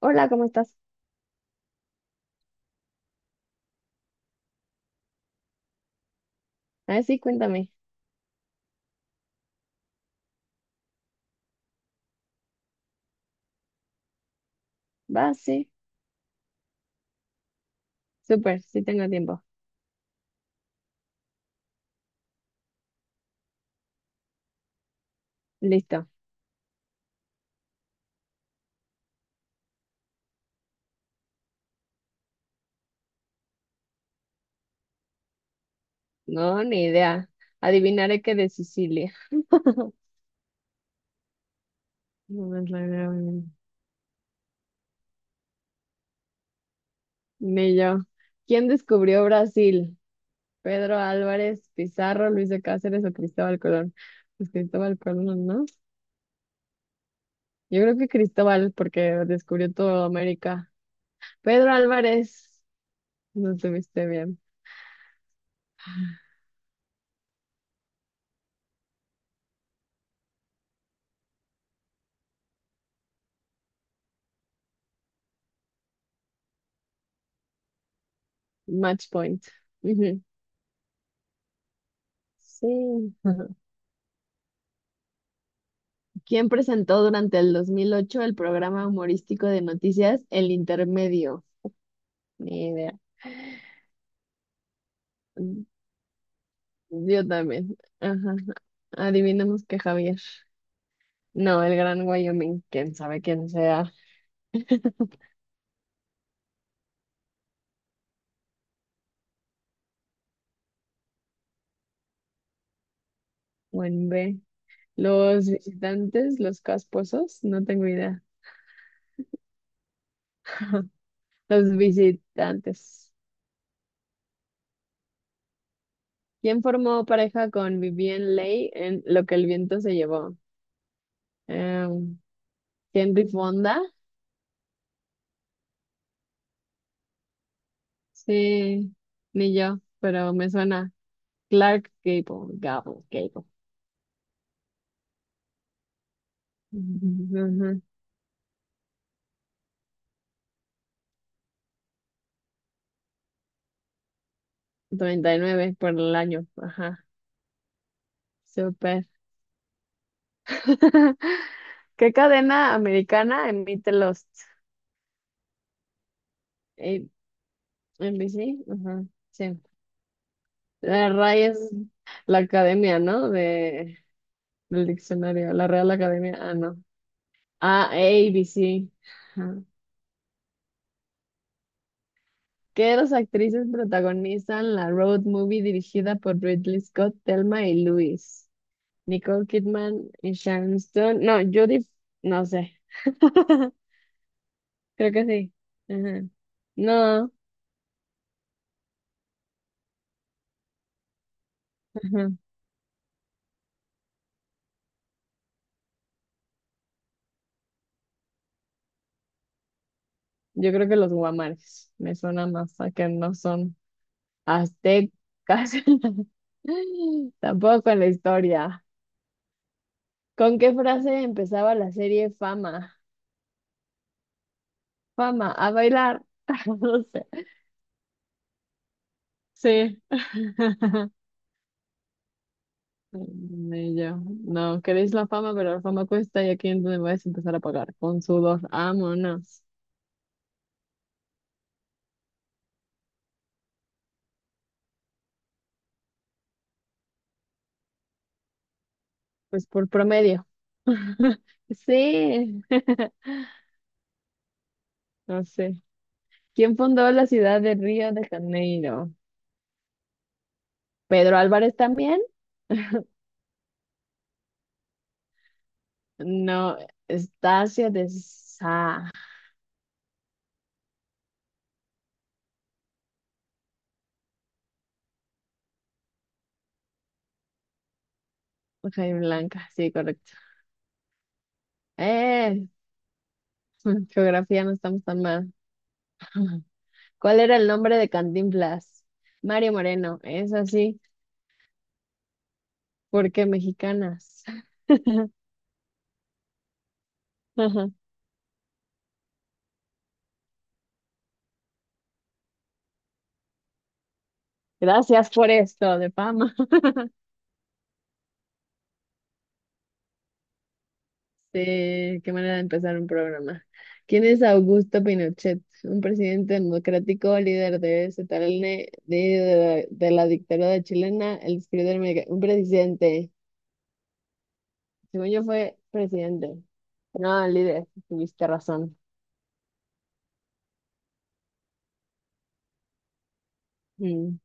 Hola, ¿cómo estás? A ver, sí, cuéntame. Va, sí. Súper, sí tengo tiempo. Listo. No, ni idea. Adivinaré que de Sicilia. No es la creo, ni yo. ¿Quién descubrió Brasil? ¿Pedro Álvarez, Pizarro, Luis de Cáceres o Cristóbal Colón? Pues Cristóbal Colón, ¿no? Yo creo que Cristóbal, porque descubrió toda América. Pedro Álvarez, no estuviste bien. Match point. Ujú. Sí. ¿Quién presentó durante el 2008 el programa humorístico de noticias El Intermedio? Ni idea. Mm, Yo también. Ajá. Adivinemos que Javier. No, el Gran Wyoming, quién sabe quién sea. Buen B. Los visitantes, los casposos, no tengo idea. Los visitantes. ¿Quién formó pareja con Vivien Leigh en Lo que el viento se llevó? Eh, Henry Fonda. Sí, ni yo, pero me suena. Clark Gable, Gable, Gable. Ujú, 99 por el año. Ajá, súper. ¿Qué cadena americana emite Lost? Eh, NBC, ajá, sí. La RAI es la academia, ¿no? Del diccionario, la Real Academia, ah, no. Ah, ABC. Ajá. ¿Qué dos actrices protagonizan la road movie dirigida por Ridley Scott, Thelma y Louise? Nicole Kidman y Sharon Stone. No, Judith, no sé. Creo que sí. Ajá. No, ajá. Yo creo que los guamares me suena más a que no son aztecas. Tampoco en la historia. ¿Con qué frase empezaba la serie Fama? Fama, a bailar. No sé. Sí. Y yo, no, queréis la fama, pero la fama cuesta y aquí es donde vais a empezar a pagar. Con sudor, vámonos. Pues por promedio. Sí, no sé. ¿Quién fundó la ciudad de Río de Janeiro? ¿Pedro Álvarez también? No, Estacio de Sá. Jaime Blanca, sí, correcto. Eh, geografía no estamos tan mal. ¿Cuál era el nombre de Cantinflas? Mario Moreno, es así, porque mexicanas. Gracias por esto, de fama. Sí, qué manera de empezar un programa. ¿Quién es Augusto Pinochet? Un presidente democrático, líder de ZLN, líder de la dictadura chilena, el escritor mexicano, un presidente. Según yo fue presidente. No, líder, tuviste razón. Mm,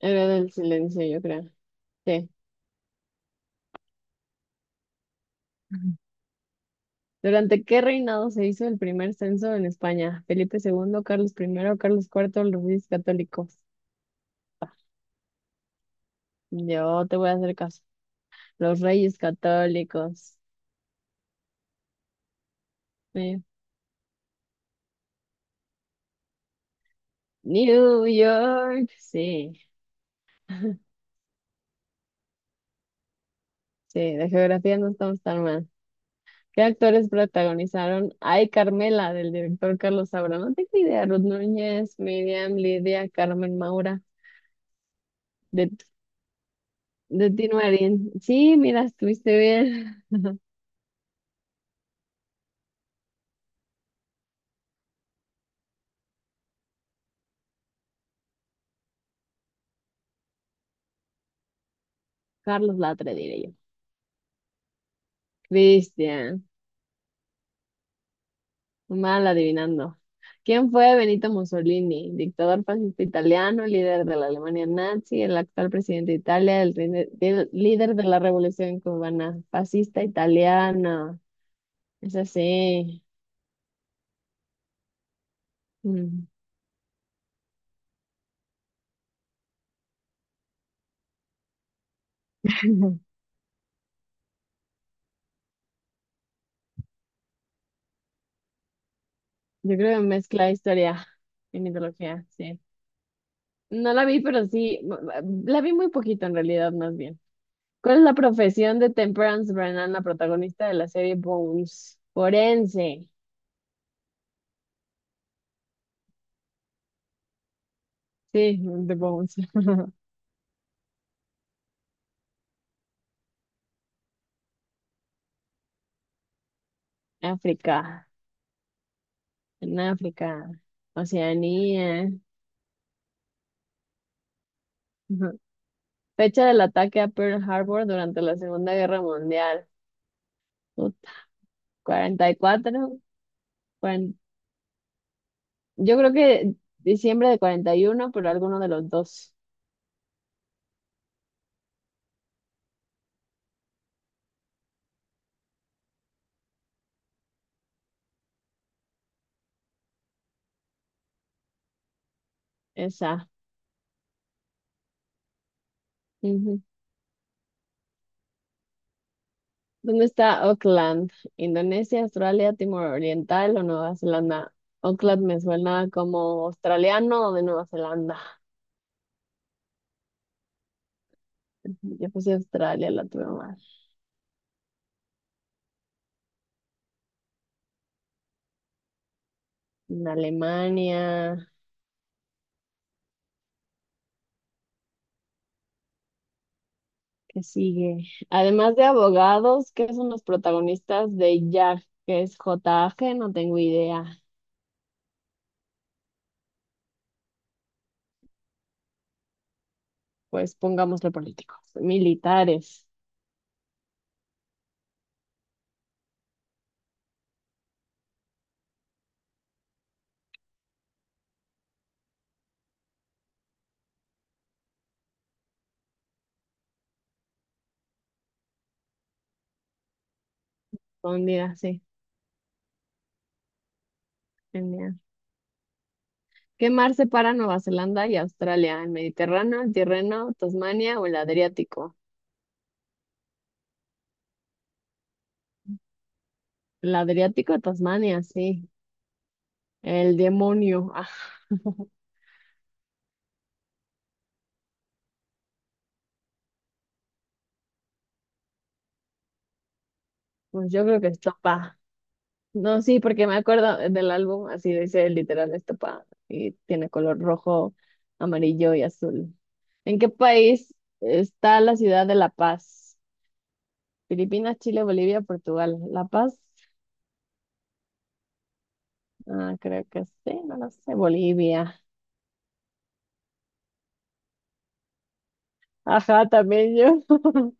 Era del silencio, yo creo. Sí. Ujú. ¿Durante qué reinado se hizo el primer censo en España? Felipe II, Carlos I, Carlos IV, los Reyes Católicos. Yo te voy a hacer caso. Los Reyes Católicos. Eh, New York, sí. Sí, de geografía no estamos tan mal. ¿Qué actores protagonizaron Ay, Carmela, del director Carlos Saura? No tengo idea. Ruth Núñez, Miriam, Lidia, Carmen Maura, de, de Tino Marín. Sí, mira, estuviste bien. Carlos Latre, diré yo. Cristian. Mal adivinando. ¿Quién fue Benito Mussolini? Dictador fascista italiano, líder de la Alemania nazi, el actual presidente de Italia, el líder de la Revolución cubana, fascista italiana. Es así. Mm. Yo creo que mezcla historia y mitología, sí. No la vi, pero sí, la vi muy poquito en realidad, más bien. ¿Cuál es la profesión de Temperance Brennan, la protagonista de la serie Bones? Forense. Sí, de Bones. África. En África, Oceanía. Ujú. Fecha del ataque a Pearl Harbor durante la Segunda Guerra Mundial. Puta, 44. cuaren- Yo creo que diciembre de 41, pero alguno de los dos. Esa. Ujú. ¿Dónde está Auckland? ¿Indonesia, Australia, Timor Oriental o Nueva Zelanda? Auckland me suena como australiano o de Nueva Zelanda. Yo puse Australia, la tuve mal. En Alemania. ¿Qué sigue? Además de abogados, ¿qué son los protagonistas de Jack? ¿Qué es JAG? No tengo idea. Pues pongámosle políticos. Militares. Pondría, sí. Genial. ¿Qué mar separa Nueva Zelanda y Australia? ¿El Mediterráneo, el Tirreno, Tasmania o el Adriático? El Adriático, Tasmania, sí. El demonio. Ah, pues yo creo que es, no, sí, porque me acuerdo del álbum, así dice literal esta pa, y tiene color rojo, amarillo y azul. ¿En qué país está la ciudad de La Paz? Filipinas, Chile, Bolivia, Portugal. La Paz, ah, creo que sí, no lo sé, Bolivia. Ajá, también yo.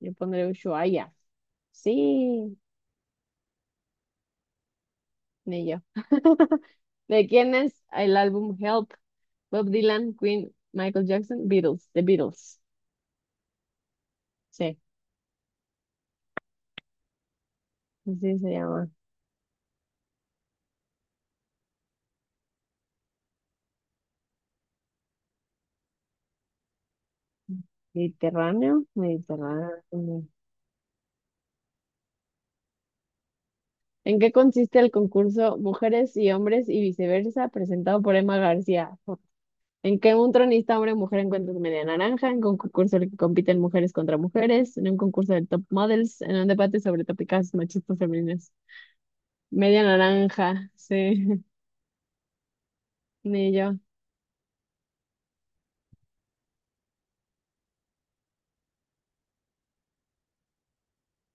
Yo pondré Ushuaia. Sí, ni yo. ¿De quién es el álbum Help? Bob Dylan, Queen, Michael Jackson, Beatles, The Beatles. Sí, así se llama. Mediterráneo, Mediterráneo. ¿En qué consiste el concurso Mujeres y Hombres y Viceversa presentado por Emma García? ¿En que un tronista hombre o mujer encuentra su media naranja? ¿En un concurso en el que compiten mujeres contra mujeres? ¿En un concurso de top models? ¿En un debate sobre tópicas machistas femeninas? Media naranja, sí. Ni yo.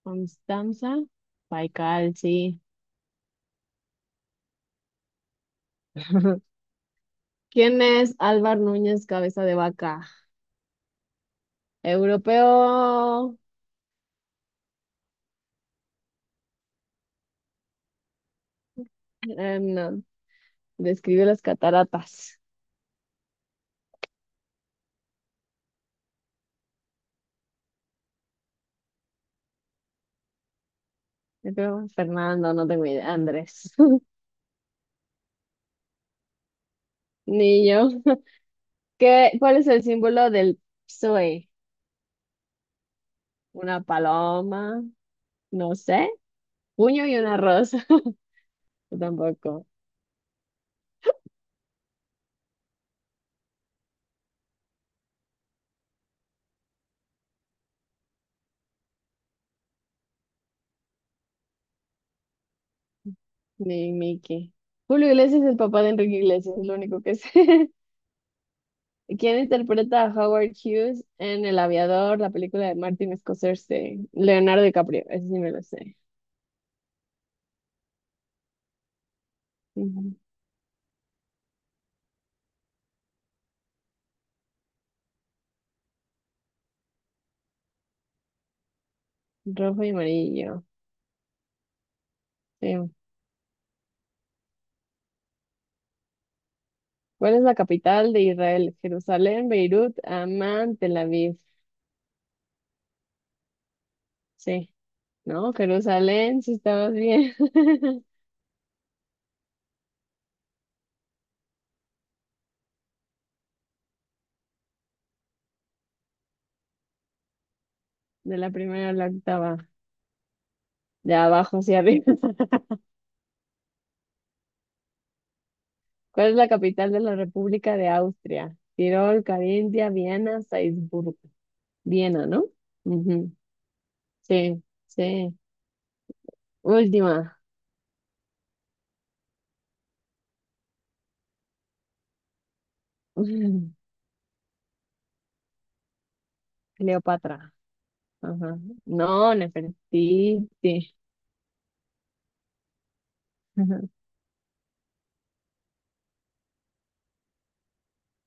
Constanza Paikal, sí. ¿Quién es Álvar Núñez Cabeza de Vaca? Europeo. No. Describe las cataratas. Yo creo Fernando, no tengo idea. Andrés. Ni yo. ¿Cuál es el símbolo del PSOE? ¿Una paloma? No sé. Puño y una rosa. Yo tampoco. Ni Mickey. Julio Iglesias es el papá de Enrique Iglesias, es lo único que sé. ¿Quién interpreta a Howard Hughes en El Aviador, la película de Martin Scorsese? Leonardo DiCaprio, ese sí me lo sé. Ujú. Rojo y amarillo. Sí. ¿Cuál es la capital de Israel? Jerusalén, Beirut, Amán, Tel Aviv. Sí, ¿no? Jerusalén, si estabas bien. De la primera a la octava, de abajo hacia arriba. ¿Cuál es la capital de la República de Austria? Tirol, Carintia, Viena, Salzburgo. Viena, ¿no? Ujú. Sí, sí. Última. Cleopatra. Ajá. No, Nefertiti. Ajá.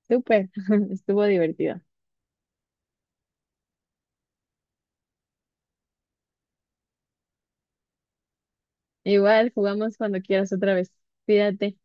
Súper, estuvo divertido. Igual jugamos cuando quieras otra vez. Cuídate.